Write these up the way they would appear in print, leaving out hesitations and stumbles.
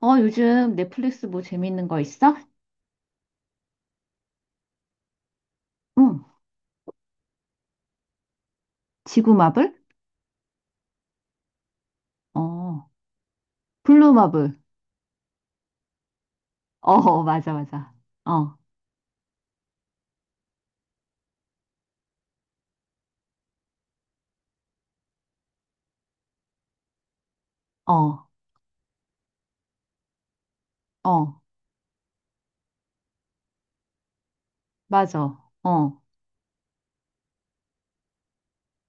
어, 요즘 넷플릭스 뭐 재밌는 거 있어? 응. 지구 마블? 어. 블루 마블. 어, 어, 맞아, 맞아. 어, 어, 어, 맞아. 어,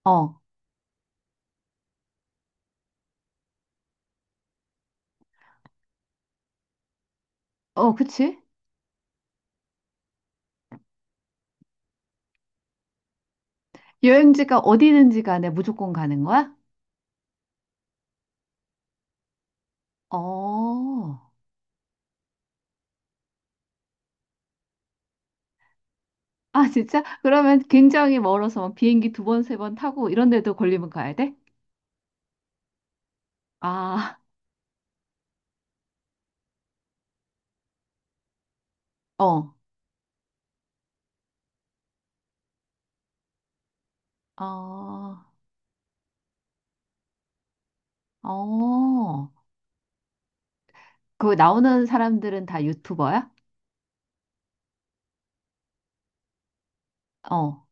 어, 어, 그치? 여행지가 어디든지 간에 무조건 가는 거야? 어. 아, 진짜? 그러면 굉장히 멀어서 막 비행기 두 번, 세 번 타고 이런 데도 걸리면 가야 돼? 아, 어, 어, 어. 그 나오는 사람들은 다 유튜버야? 어,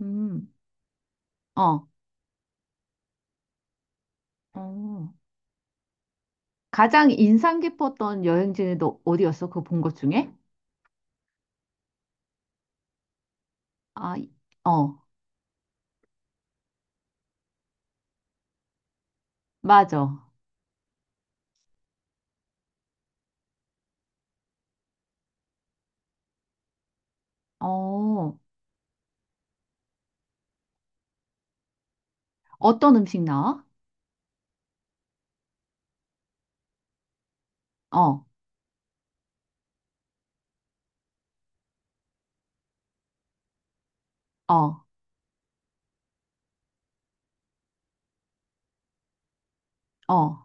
음, 어. 어. 가장 인상 깊었던 여행지는 너 어디였어? 그거 본 것 중에? 아, 어, 맞아. 어, 어떤 음식 나와? 어, 어, 어,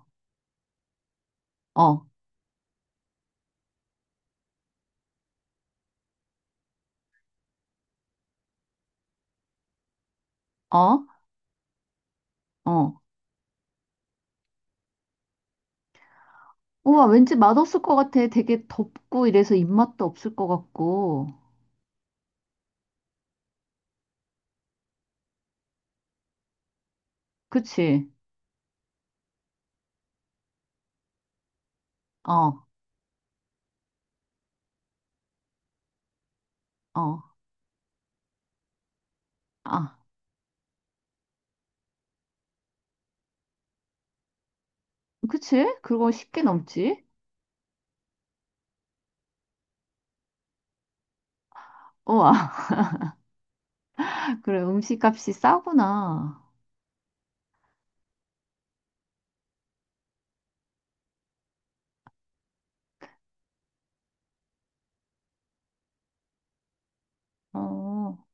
어, 어, 어. 우와, 왠지 맛없을 것 같아. 되게 덥고 이래서 입맛도 없을 것 같고. 그치? 어, 어, 아, 그치? 그거 쉽게 넘지? 우와, 그래, 음식값이 싸구나. 어.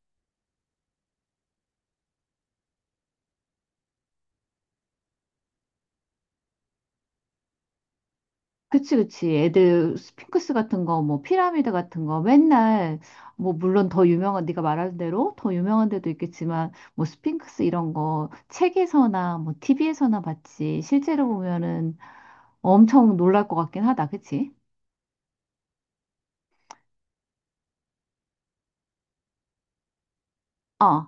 그치, 그치. 애들 스핑크스 같은 거, 뭐 피라미드 같은 거 맨날 뭐 물론 더 유명한 네가 말한 대로 더 유명한 데도 있겠지만 뭐 스핑크스 이런 거 책에서나 뭐 티비에서나 봤지 실제로 보면은 엄청 놀랄 것 같긴 하다. 그치? 어,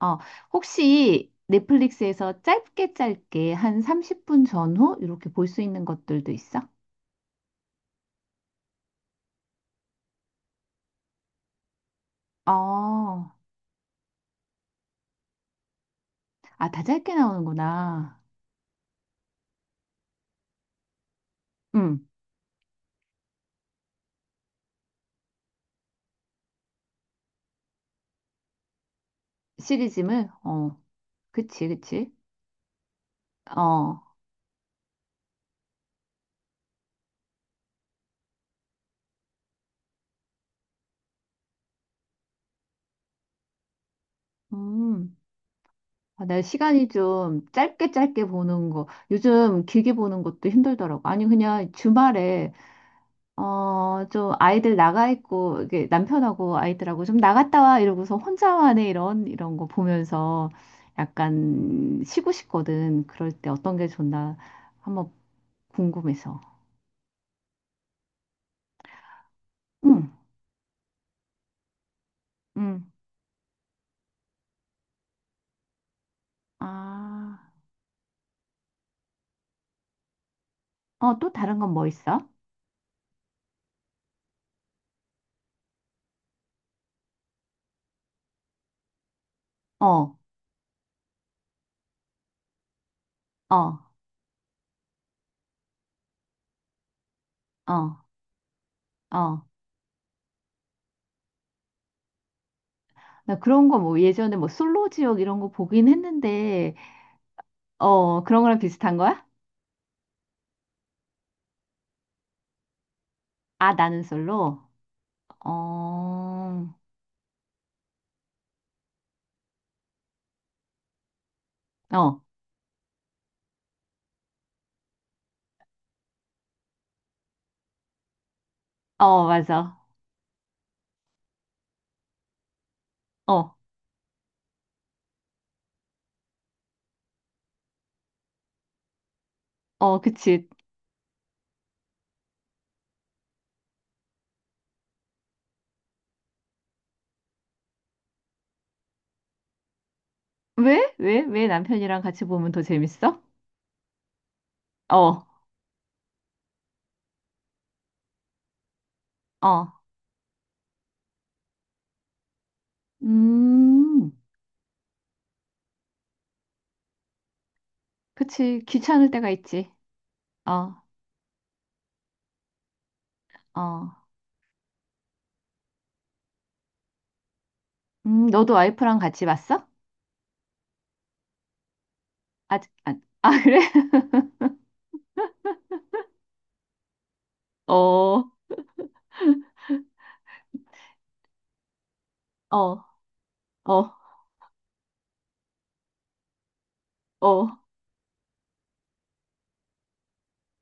어. 혹시 넷플릭스에서 짧게 짧게 한 30분 전후 이렇게 볼 수 있는 것들도 있어? 어. 아, 다 짧게 나오는구나. 응. 시리즈물? 어. 그치, 그치. 어. 음, 아, 내 시간이 좀 짧게 짧게 보는 거, 요즘 길게 보는 것도 힘들더라고. 아니, 그냥 주말에, 어, 좀 아이들 나가 있고, 이게 남편하고 아이들하고 좀 나갔다 와 이러고서 혼자만의 이런, 이런 거 보면서 약간 쉬고 싶거든. 그럴 때 어떤 게 좋나 한번 궁금해서. 응, 응. 아, 어, 또 다른 건 뭐 있어? 어, 어, 어, 어. 나 그런 거 뭐 예전에 뭐 솔로 지옥 이런 거 보긴 했는데, 어, 그런 거랑 비슷한 거야? 아, 나는 솔로? 어, 어, 어, 맞아. 어, 어, 그치. 왜? 왜? 왜 남편이랑 같이 보면 더 재밌어? 어, 어, 음, 그치. 귀찮을 때가 있지. 어, 어, 너도 와이프랑 같이 봤어? 아직, 아, 아, 그래? 어, 어, 어, 어,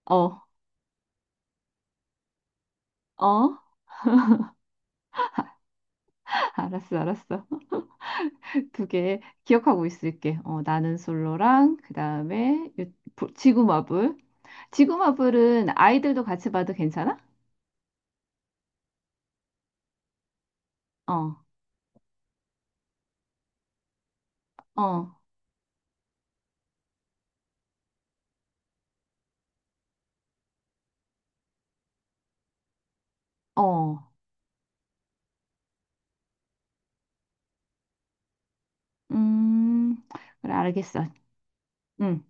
어, 어, 알았어, 알았어. 그게 기억하고 있을게. 어, 나는 솔로랑 그다음에 지구마블. 지구마블은 아이들도 같이 봐도 괜찮아? 어. 어. 어. 음. 그래 알겠어. 음.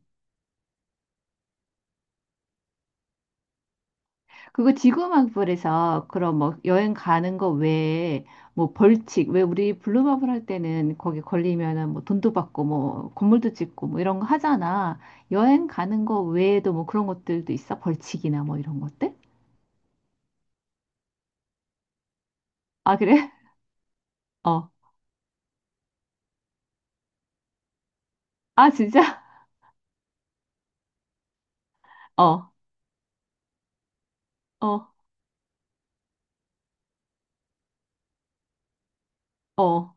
그거 지구마블에서 그럼 뭐 여행 가는 거 외에 뭐 벌칙 왜 우리 블루마블 할 때는 거기 걸리면은 뭐 돈도 받고 뭐 건물도 짓고 뭐 이런 거 하잖아. 여행 가는 거 외에도 뭐 그런 것들도 있어? 벌칙이나 뭐 이런 것들? 아, 그래? 어. 아, 진짜? 어, 어, 어,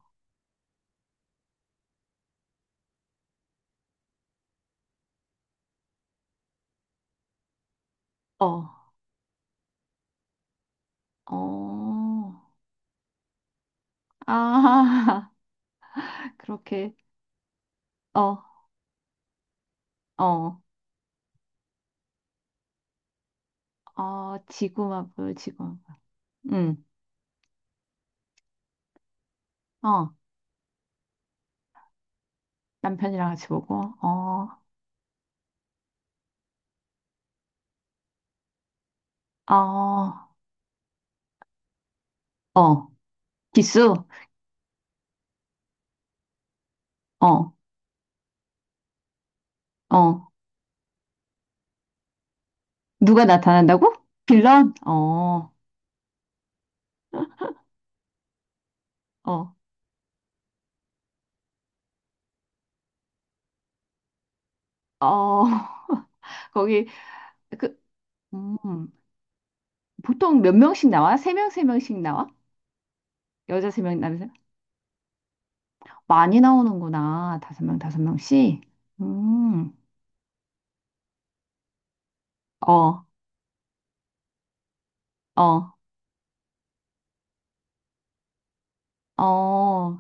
어, 어. 아, 그렇게, 어, 어, 어, 지구마블, 지구마블. 응, 어, 남편이랑 같이 보고, 어, 어, 어, 기수, 어, 어, 누가 나타난다고? 빌런? 어, 어, 어, 거기, 그, 음, 보통 몇 명씩 나와? 세 명, 세 명씩 나와? 여자 세 명, 남자? 세 명? 많이 나오는구나. 다섯 명, 다섯 명씩. 음. 어, 어, 어,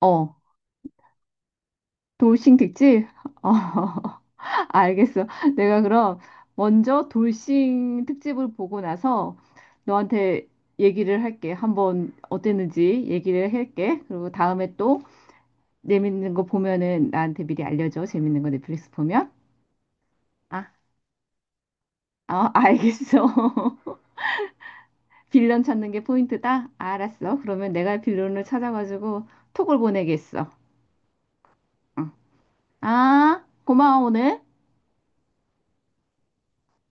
어. 돌싱 특집? 어, 알겠어. 내가 그럼 먼저 돌싱 특집을 보고 나서 너한테 얘기를 할게. 한번 어땠는지 얘기를 할게. 그리고 다음에 또 재밌는 거 보면은 나한테 미리 알려줘. 재밌는 거 넷플릭스 보면. 아, 어, 알겠어. 빌런 찾는 게 포인트다? 알았어. 그러면 내가 빌런을 찾아가지고 톡을 보내겠어. 응. 아, 고마워, 오늘.